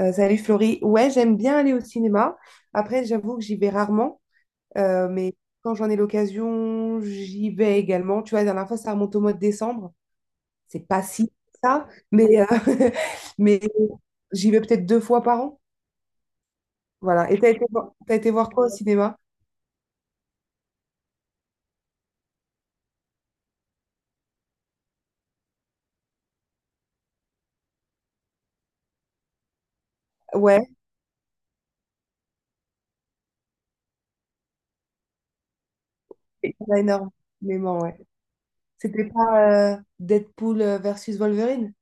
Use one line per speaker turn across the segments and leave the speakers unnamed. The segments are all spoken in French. Salut Florie. Ouais, j'aime bien aller au cinéma. Après, j'avoue que j'y vais rarement, mais quand j'en ai l'occasion, j'y vais également. Tu vois, la dernière fois, ça remonte au mois de décembre. C'est pas si ça, mais, mais j'y vais peut-être deux fois par an. Voilà. Et t'as été, t'as été voir quoi au cinéma? Ouais, il y en a énormément, ouais. C'était pas Deadpool versus Wolverine?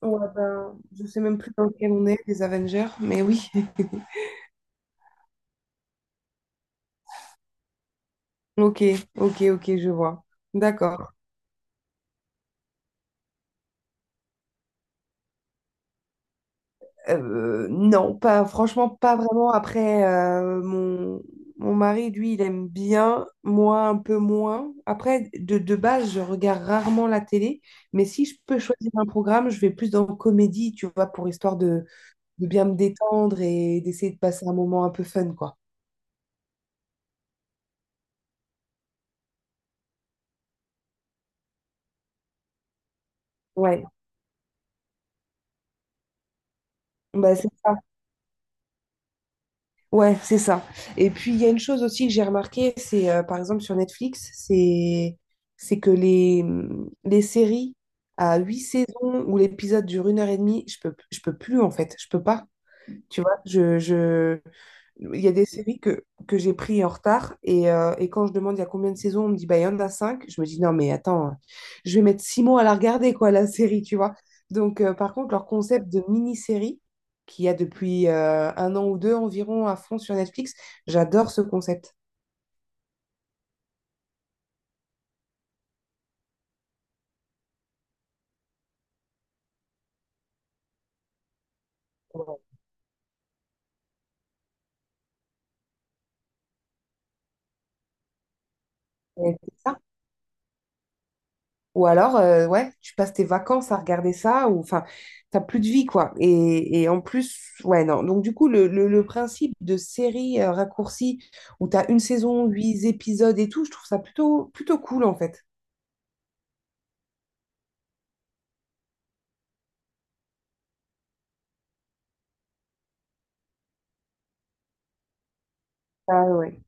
Ouais, ben, je sais même plus dans lequel on est, les Avengers, mais oui. Ok, ok, ok, je vois. D'accord. Non, pas franchement, pas vraiment. Après, mon mari, lui, il aime bien, moi un peu moins. Après, de base, je regarde rarement la télé, mais si je peux choisir un programme, je vais plus dans comédie, tu vois, pour histoire de, bien me détendre et d'essayer de passer un moment un peu fun, quoi. Ouais, bah, c'est ça. Ouais, c'est ça. Et puis, il y a une chose aussi que j'ai remarqué, c'est par exemple sur Netflix, c'est que les séries à huit saisons où l'épisode dure une heure et demie, je peux plus en fait, je peux pas. Tu vois, je... Il y a des séries que j'ai pris en retard et quand je demande il y a combien de saisons, on me dit bah, il y en a cinq. Je me dis non, mais attends, je vais mettre 6 mois à la regarder, quoi, la série, tu vois. Donc, par contre, leur concept de mini-série qu'il y a depuis un an ou deux environ à fond sur Netflix, j'adore ce concept. Ouais. Et ça. Ou alors, ouais, tu passes tes vacances à regarder ça, ou enfin, t'as plus de vie, quoi. Et en plus, ouais, non. Donc, du coup, le, le principe de série raccourcie où t'as une saison, huit épisodes et tout, je trouve ça plutôt, plutôt cool, en fait. Ah ouais.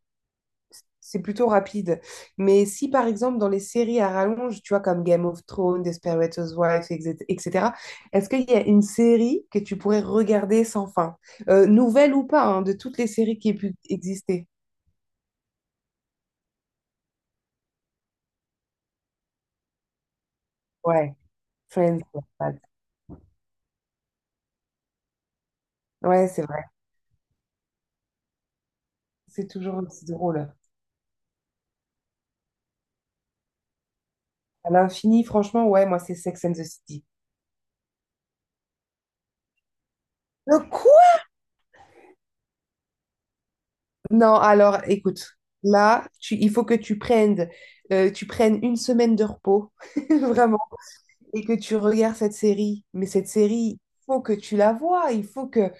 C'est plutôt rapide. Mais si, par exemple, dans les séries à rallonge, tu vois, comme Game of Thrones, Desperate Housewives, etc., etc., est-ce qu'il y a une série que tu pourrais regarder sans fin? Nouvelle ou pas, hein, de toutes les séries qui aient pu exister? Ouais, Friends. Ouais, c'est vrai. C'est toujours aussi drôle. À l'infini, franchement, ouais, moi, c'est Sex and the City. Le quoi? Non, alors, écoute, là, il faut que tu prennes une semaine de repos, vraiment, et que tu regardes cette série. Mais cette série, il faut que tu la vois. Il faut que...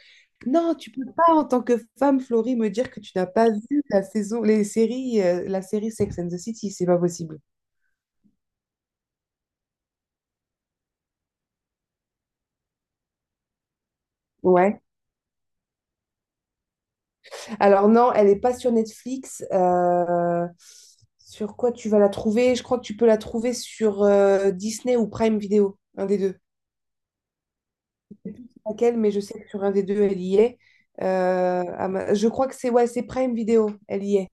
Non, tu peux pas, en tant que femme, Florie, me dire que tu n'as pas vu la saison, les séries, la série Sex and the City. C'est pas possible. Ouais. Alors non, elle n'est pas sur Netflix. Sur quoi tu vas la trouver? Je crois que tu peux la trouver sur Disney ou Prime Video, un des deux. Je sais plus sur laquelle, mais je sais que sur un des deux, elle y est. Je crois que c'est ouais, c'est Prime Video, elle y est.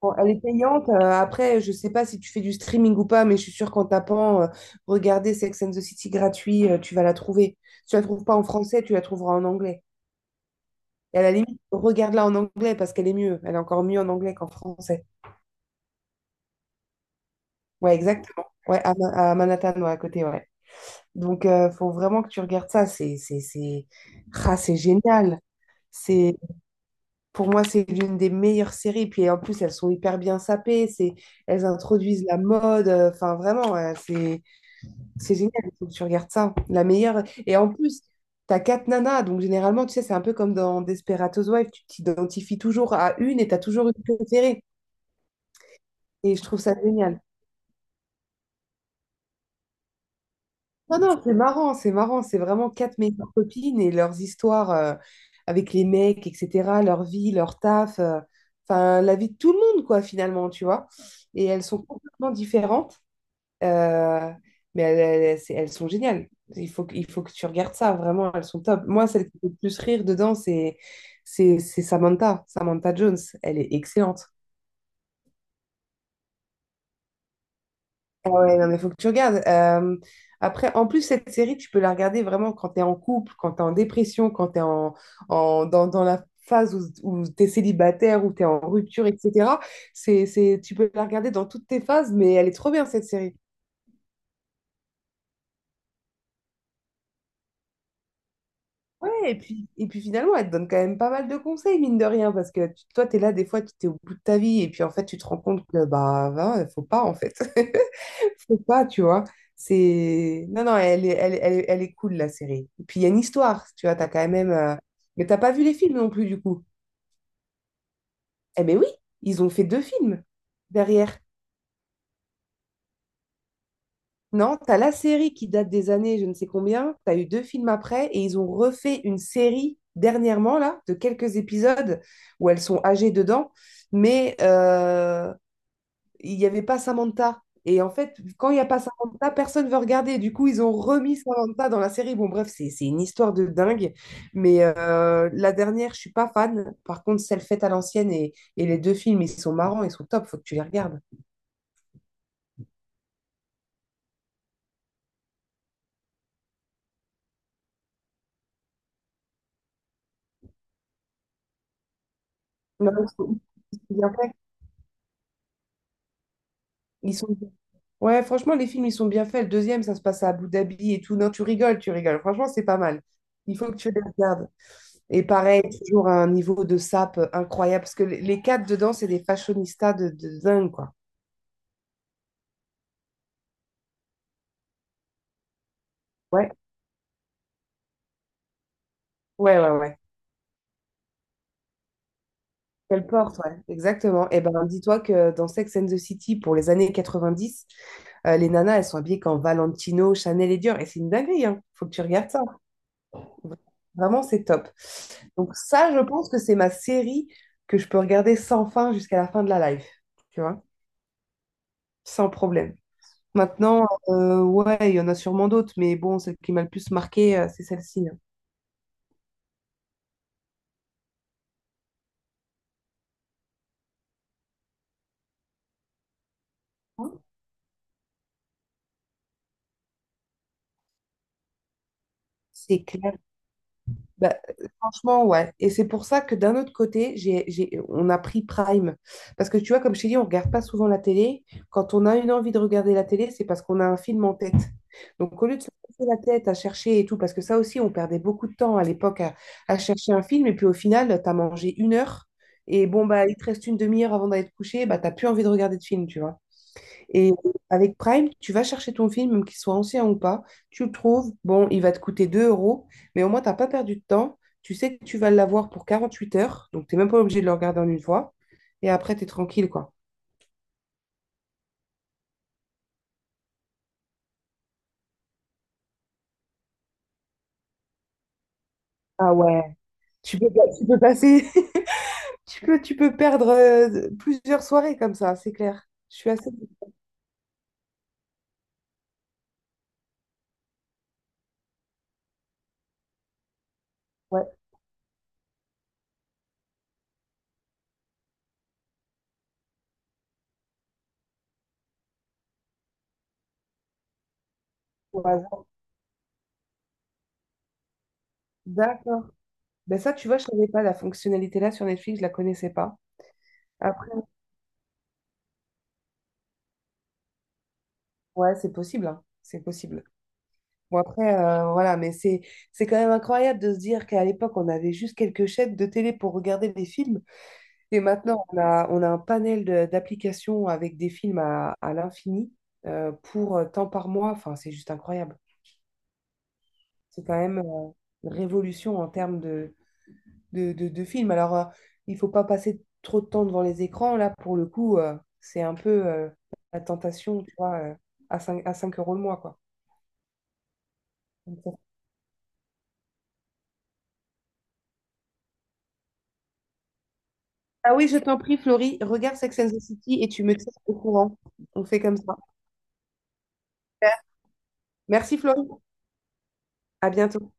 Bon, elle est payante. Après, je sais pas si tu fais du streaming ou pas, mais je suis sûre qu'en tapant Regardez Sex and the City gratuit, tu vas la trouver. Si tu la trouves pas en français, tu la trouveras en anglais. Et à la limite, regarde-la en anglais parce qu'elle est mieux. Elle est encore mieux en anglais qu'en français. Ouais, exactement. Ouais, à Manhattan, ouais, à côté, ouais. Donc, faut vraiment que tu regardes ça. Ah, c'est génial. C'est, pour moi, c'est l'une des meilleures séries. Puis en plus, elles sont hyper bien sapées. Elles introduisent la mode. Enfin, vraiment, ouais, c'est génial. Il faut que tu regardes ça. La meilleure. Et en plus, t'as quatre nanas. Donc, généralement, tu sais, c'est un peu comme dans Desperate Housewives. Tu t'identifies toujours à une et t'as toujours une préférée. Et je trouve ça génial. Non, non, c'est marrant, c'est marrant. C'est vraiment quatre meilleures copines et leurs histoires avec les mecs, etc. Leur vie, leur taf, enfin, la vie de tout le monde, quoi, finalement, tu vois. Et elles sont complètement différentes, euh, mais elles sont géniales. Il faut que tu regardes ça, vraiment, elles sont top. Moi, celle qui fait le plus rire dedans, c'est c'est Samantha, Samantha Jones. Elle est excellente. Ouais, non, mais faut que tu regardes. Après, en plus, cette série, tu peux la regarder vraiment quand tu es en couple, quand tu es en dépression, quand tu es en, dans la phase où, tu es célibataire, où tu es en rupture, etc. Tu peux la regarder dans toutes tes phases, mais elle est trop bien, cette série. Ouais, et puis finalement, elle te donne quand même pas mal de conseils, mine de rien, parce que toi, tu es là, des fois, tu es au bout de ta vie, et puis en fait, tu te rends compte que, bah, il faut pas, en fait. Faut pas, tu vois. C'est... Non, non, elle est cool, la série. Et puis, il y a une histoire, tu vois, t'as quand même... Mais t'as pas vu les films non plus, du coup. Eh ben oui, ils ont fait deux films derrière. Non, t'as la série qui date des années je ne sais combien, t'as eu deux films après, et ils ont refait une série dernièrement, là, de quelques épisodes où elles sont âgées dedans. Mais il n'y avait pas Samantha. Et en fait, quand il n'y a pas Samantha, personne ne veut regarder. Du coup, ils ont remis Samantha dans la série. Bon, bref, c'est une histoire de dingue. Mais la dernière, je suis pas fan. Par contre, celle faite à l'ancienne et les deux films, ils sont marrants, ils sont top. Faut que tu les regardes. Non, ils sont bien faits. Ils sont... Ouais, franchement, les films, ils sont bien faits. Le deuxième, ça se passe à Abu Dhabi et tout. Non, tu rigoles, tu rigoles. Franchement, c'est pas mal. Il faut que tu les regardes. Et pareil, toujours un niveau de sap incroyable. Parce que les quatre dedans, c'est des fashionistas de dingue, quoi. Ouais, ouais, ouais, ouais. Quelle porte, ouais. Exactement. Et ben, dis-toi que dans Sex and the City, pour les années 90, les nanas, elles sont habillées qu'en Valentino, Chanel et Dior. Et c'est une dinguerie, hein. Faut que tu regardes ça. Vraiment, c'est top. Donc ça, je pense que c'est ma série que je peux regarder sans fin jusqu'à la fin de la live, tu vois, sans problème. Maintenant, ouais, il y en a sûrement d'autres, mais bon, celle qui m'a le plus marqué, c'est celle-ci. Hein. C'est clair. Bah, franchement, ouais. Et c'est pour ça que d'un autre côté, on a pris Prime. Parce que tu vois, comme je t'ai dit, on regarde pas souvent la télé. Quand on a une envie de regarder la télé, c'est parce qu'on a un film en tête. Donc, au lieu de se casser la tête à chercher et tout, parce que ça aussi, on perdait beaucoup de temps à l'époque à, chercher un film. Et puis, au final, tu as mangé une heure. Et bon, bah, il te reste une demi-heure avant d'aller te coucher. Bah, t'as plus envie de regarder de film, tu vois. Et avec Prime, tu vas chercher ton film, même qu'il soit ancien ou pas, tu le trouves, bon, il va te coûter 2 euros, mais au moins, tu n'as pas perdu de temps. Tu sais que tu vas l'avoir pour 48 heures, donc tu n'es même pas obligé de le regarder en une fois. Et après, tu es tranquille, quoi. Ah ouais, tu peux, tu peux passer, tu peux perdre plusieurs soirées comme ça, c'est clair. Je suis assez... Ouais, au hasard. D'accord. Ben ça, tu vois, je savais pas, la fonctionnalité là sur Netflix, je la connaissais pas. Après, ouais, c'est possible, hein. C'est possible. Bon, après, voilà, mais c'est quand même incroyable de se dire qu'à l'époque, on avait juste quelques chaînes de télé pour regarder des films. Et maintenant, on a un panel d'applications avec des films à l'infini pour tant par mois. Enfin, c'est juste incroyable. C'est quand même une révolution en termes de films. Alors, il faut pas passer trop de temps devant les écrans. Là, pour le coup, c'est un peu la tentation, tu vois, à 5 € le mois, quoi. Ah oui, je t'en prie, Florie, regarde Sex and the City et tu me tiens au courant. On fait comme ça. Merci, Florie. À bientôt.